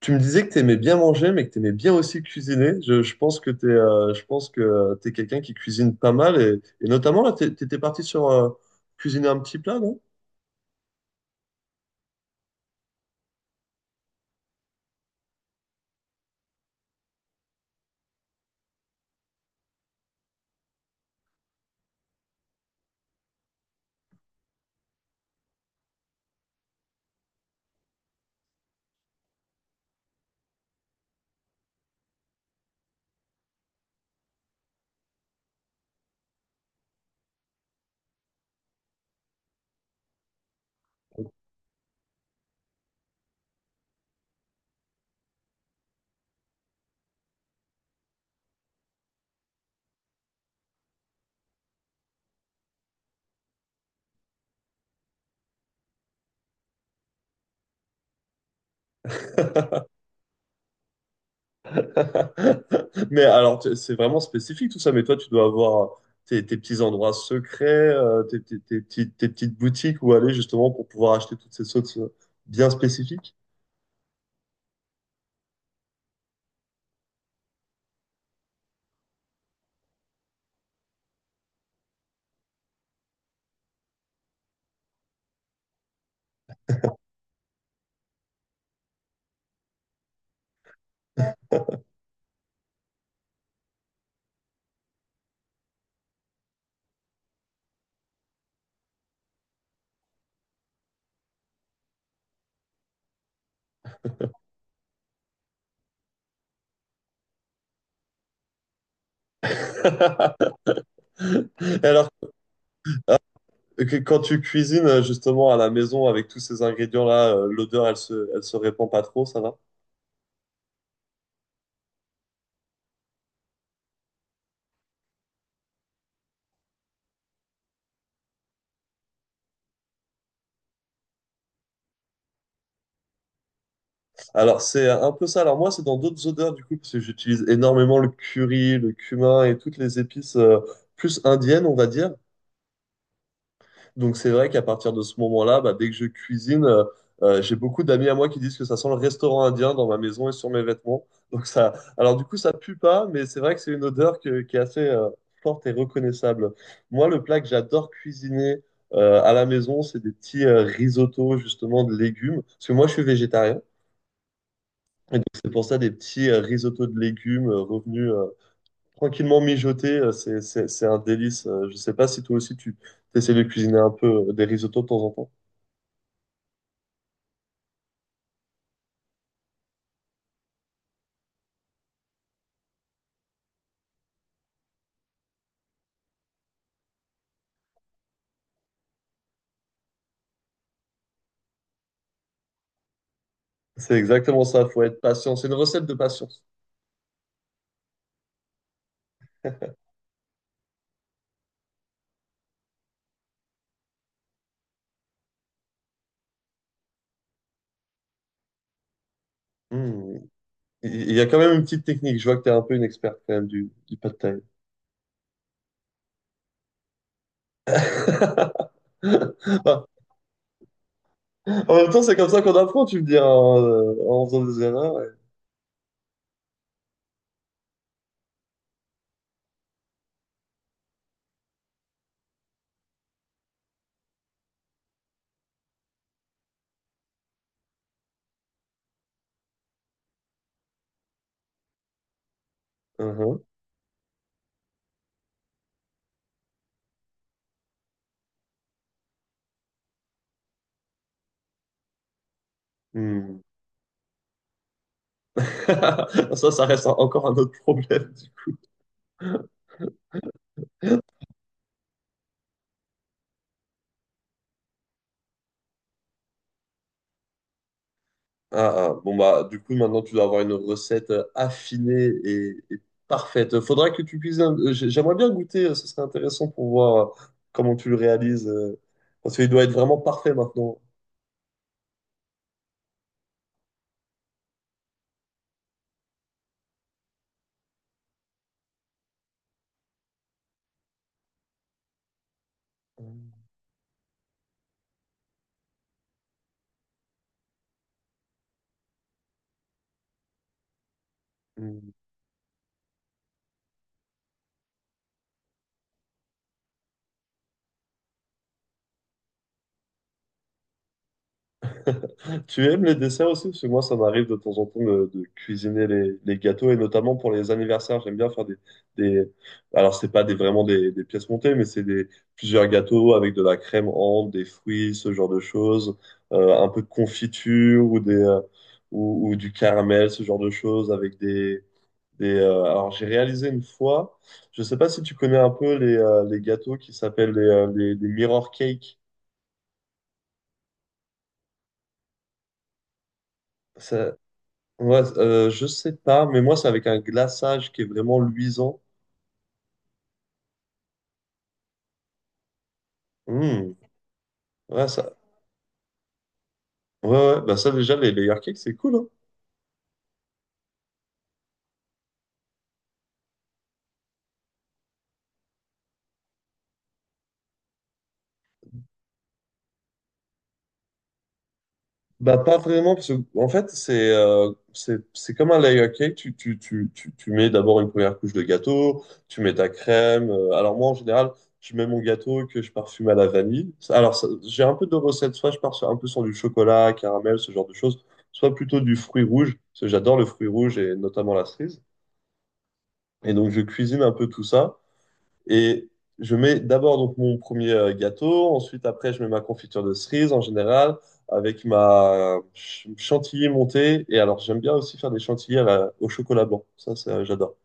Tu me disais que tu aimais bien manger, mais que tu aimais bien aussi cuisiner. Je pense que tu es, je pense que t'es quelqu'un qui cuisine pas mal. Et, notamment, là, tu étais parti sur cuisiner un petit plat, non? Mais alors, c'est vraiment spécifique tout ça. Mais toi, tu dois avoir tes petits endroits secrets, tes petites boutiques où aller justement pour pouvoir acheter toutes ces sauces bien spécifiques. Alors, et que quand tu cuisines justement à la maison avec tous ces ingrédients-là, l'odeur, elle se répand pas trop, ça va? Alors c'est un peu ça. Alors moi, c'est dans d'autres odeurs du coup, parce que j'utilise énormément le curry, le cumin et toutes les épices plus indiennes, on va dire. Donc c'est vrai qu'à partir de ce moment-là, bah, dès que je cuisine, j'ai beaucoup d'amis à moi qui disent que ça sent le restaurant indien dans ma maison et sur mes vêtements. Donc ça, alors du coup ça pue pas, mais c'est vrai que c'est une odeur qui est assez forte et reconnaissable. Moi, le plat que j'adore cuisiner à la maison, c'est des petits risottos justement de légumes, parce que moi je suis végétarien. Et donc c'est pour ça des petits risottos de légumes revenus tranquillement mijotés, c'est un délice. Je sais pas si toi aussi tu essaies de cuisiner un peu des risottos de temps en temps. C'est exactement ça, faut être patient. C'est une recette de patience. Hmm. Il y a quand même une petite technique. Je vois que tu es un peu une experte quand même du pad thai. Bah, en même temps, c'est comme ça qu'on apprend, tu me dis, hein, en faisant des erreurs. Ouais. Mhm. Hmm. Ça reste encore un autre problème du coup. Ah, ah. Bon, bah, du coup, maintenant, tu dois avoir une recette affinée et parfaite. Faudra que tu cuisines. J'aimerais bien goûter, ce serait intéressant pour voir comment tu le réalises. Parce qu'il doit être vraiment parfait maintenant. Mm. Tu aimes les desserts aussi? Parce que moi, ça m'arrive de temps en temps de cuisiner les gâteaux et notamment pour les anniversaires, j'aime bien faire des. Alors, c'est pas des, vraiment des pièces montées, mais c'est des plusieurs gâteaux avec de la crème ambre, des fruits, ce genre de choses, un peu de confiture ou ou du caramel, ce genre de choses avec des. Alors, j'ai réalisé une fois, je sais pas si tu connais un peu les gâteaux qui s'appellent les mirror cakes. Ouais, je sais pas, mais moi, c'est avec un glaçage qui est vraiment luisant. Hmm. Ouais, ça... Ouais, ouais, bah ça, déjà, les layer cakes, c'est cool, hein. Bah, pas vraiment, parce que, en fait, c'est comme un layer cake. Tu mets d'abord une première couche de gâteau, tu mets ta crème. Alors, moi, en général, je mets mon gâteau que je parfume à la vanille. J'ai un peu de recettes. Soit je pars un peu sur du chocolat, caramel, ce genre de choses, soit plutôt du fruit rouge, parce que j'adore le fruit rouge et notamment la cerise. Et donc, je cuisine un peu tout ça. Et je mets d'abord donc mon premier gâteau, ensuite après je mets ma confiture de cerise en général avec ma chantilly montée. Et alors j'aime bien aussi faire des chantilly au chocolat blanc, ça, j'adore.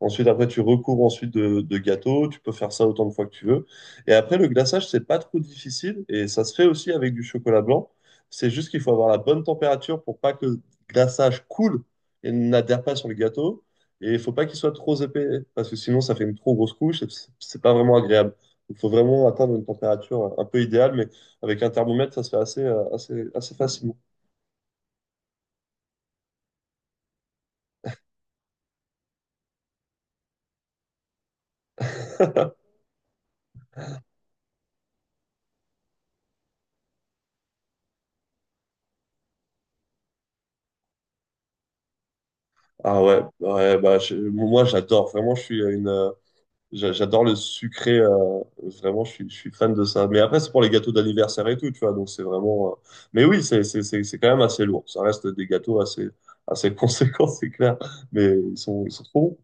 Ensuite, après, tu recouvres ensuite de gâteau. Tu peux faire ça autant de fois que tu veux. Et après, le glaçage, c'est pas trop difficile et ça se fait aussi avec du chocolat blanc. C'est juste qu'il faut avoir la bonne température pour pas que le glaçage coule et n'adhère pas sur le gâteau. Et il faut pas qu'il soit trop épais parce que sinon, ça fait une trop grosse couche et c'est pas vraiment agréable. Il faut vraiment atteindre une température un peu idéale, mais avec un thermomètre, ça se fait assez facilement. Ah ouais, ouais bah, moi j'adore, vraiment, je suis une, j'adore le sucré, vraiment, je suis fan de ça. Mais après, c'est pour les gâteaux d'anniversaire et tout, tu vois, donc c'est vraiment. Mais oui, c'est quand même assez lourd. Ça reste des gâteaux assez conséquents, c'est clair. Mais ils sont trop bons.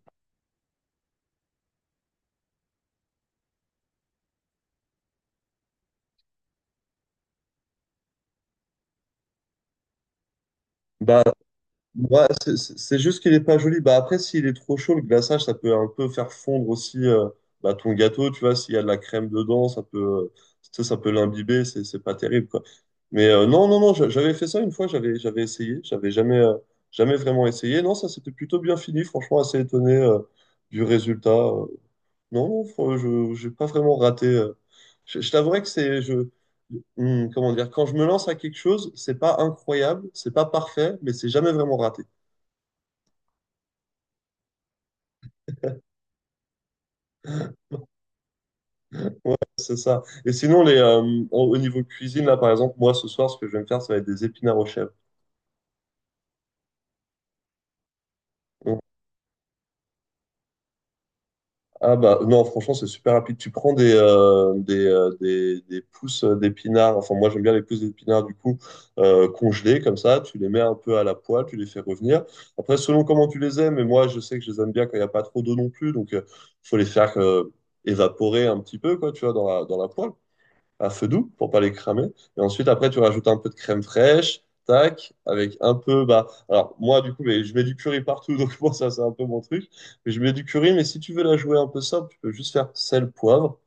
Bah, ouais, c'est juste qu'il est pas joli. Bah après, s'il est trop chaud, le glaçage, ça peut un peu faire fondre aussi ton gâteau, tu vois, s'il y a de la crème dedans, tu sais, ça peut l'imbiber, c'est pas terrible, quoi. Mais non, non, non, j'avais fait ça une fois, j'avais essayé, j'avais jamais, jamais vraiment essayé. Non, ça c'était plutôt bien fini, franchement, assez étonné du résultat. Non, non, fr- je j'ai pas vraiment raté. Je t'avouerai que comment dire, quand je me lance à quelque chose, c'est pas incroyable, c'est pas parfait, mais c'est jamais vraiment raté. Ouais, c'est ça. Et sinon, au au niveau cuisine, là, par exemple, moi, ce soir, ce que je vais me faire, ça va être des épinards au chèvres. Mm. Ah bah non, franchement, c'est super rapide. Tu prends des pousses d'épinards, enfin moi j'aime bien les pousses d'épinards du coup, congelées comme ça, tu les mets un peu à la poêle, tu les fais revenir. Après, selon comment tu les aimes, mais moi je sais que je les aime bien quand il n'y a pas trop d'eau non plus, donc il faut les faire évaporer un petit peu, quoi, tu vois, dans dans la poêle, à feu doux pour pas les cramer. Et ensuite, après, tu rajoutes un peu de crème fraîche, tac, avec un peu, bah, alors moi, du coup, mais je mets du curry partout, donc moi, ça, c'est un peu mon truc. Mais je mets du curry, mais si tu veux la jouer un peu simple, tu peux juste faire sel, poivre,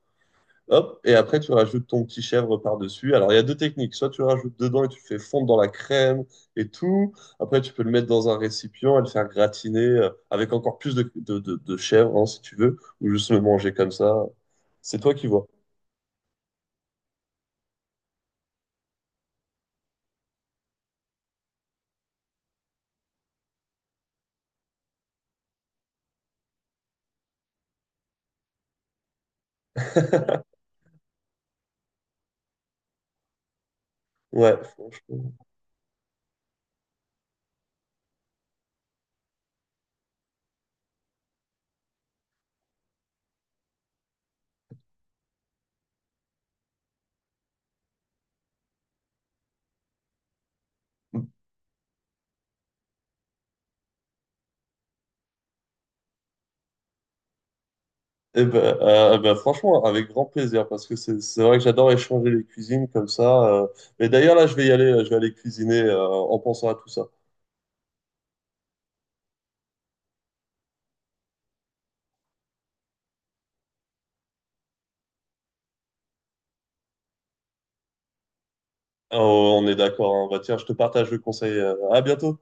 hop, et après, tu rajoutes ton petit chèvre par-dessus. Alors, il y a deux techniques. Soit tu le rajoutes dedans et tu le fais fondre dans la crème et tout. Après, tu peux le mettre dans un récipient et le faire gratiner avec encore plus de chèvre, hein, si tu veux, ou juste le manger comme ça. C'est toi qui vois. Ouais, franchement. Eh ben, eh ben, franchement, avec grand plaisir, parce que c'est vrai que j'adore échanger les cuisines comme ça. Mais d'ailleurs, là, je vais y aller, je vais aller cuisiner en pensant à tout ça. Oh, on est d'accord, hein. Bah, tiens, je te partage le conseil. Euh. À bientôt.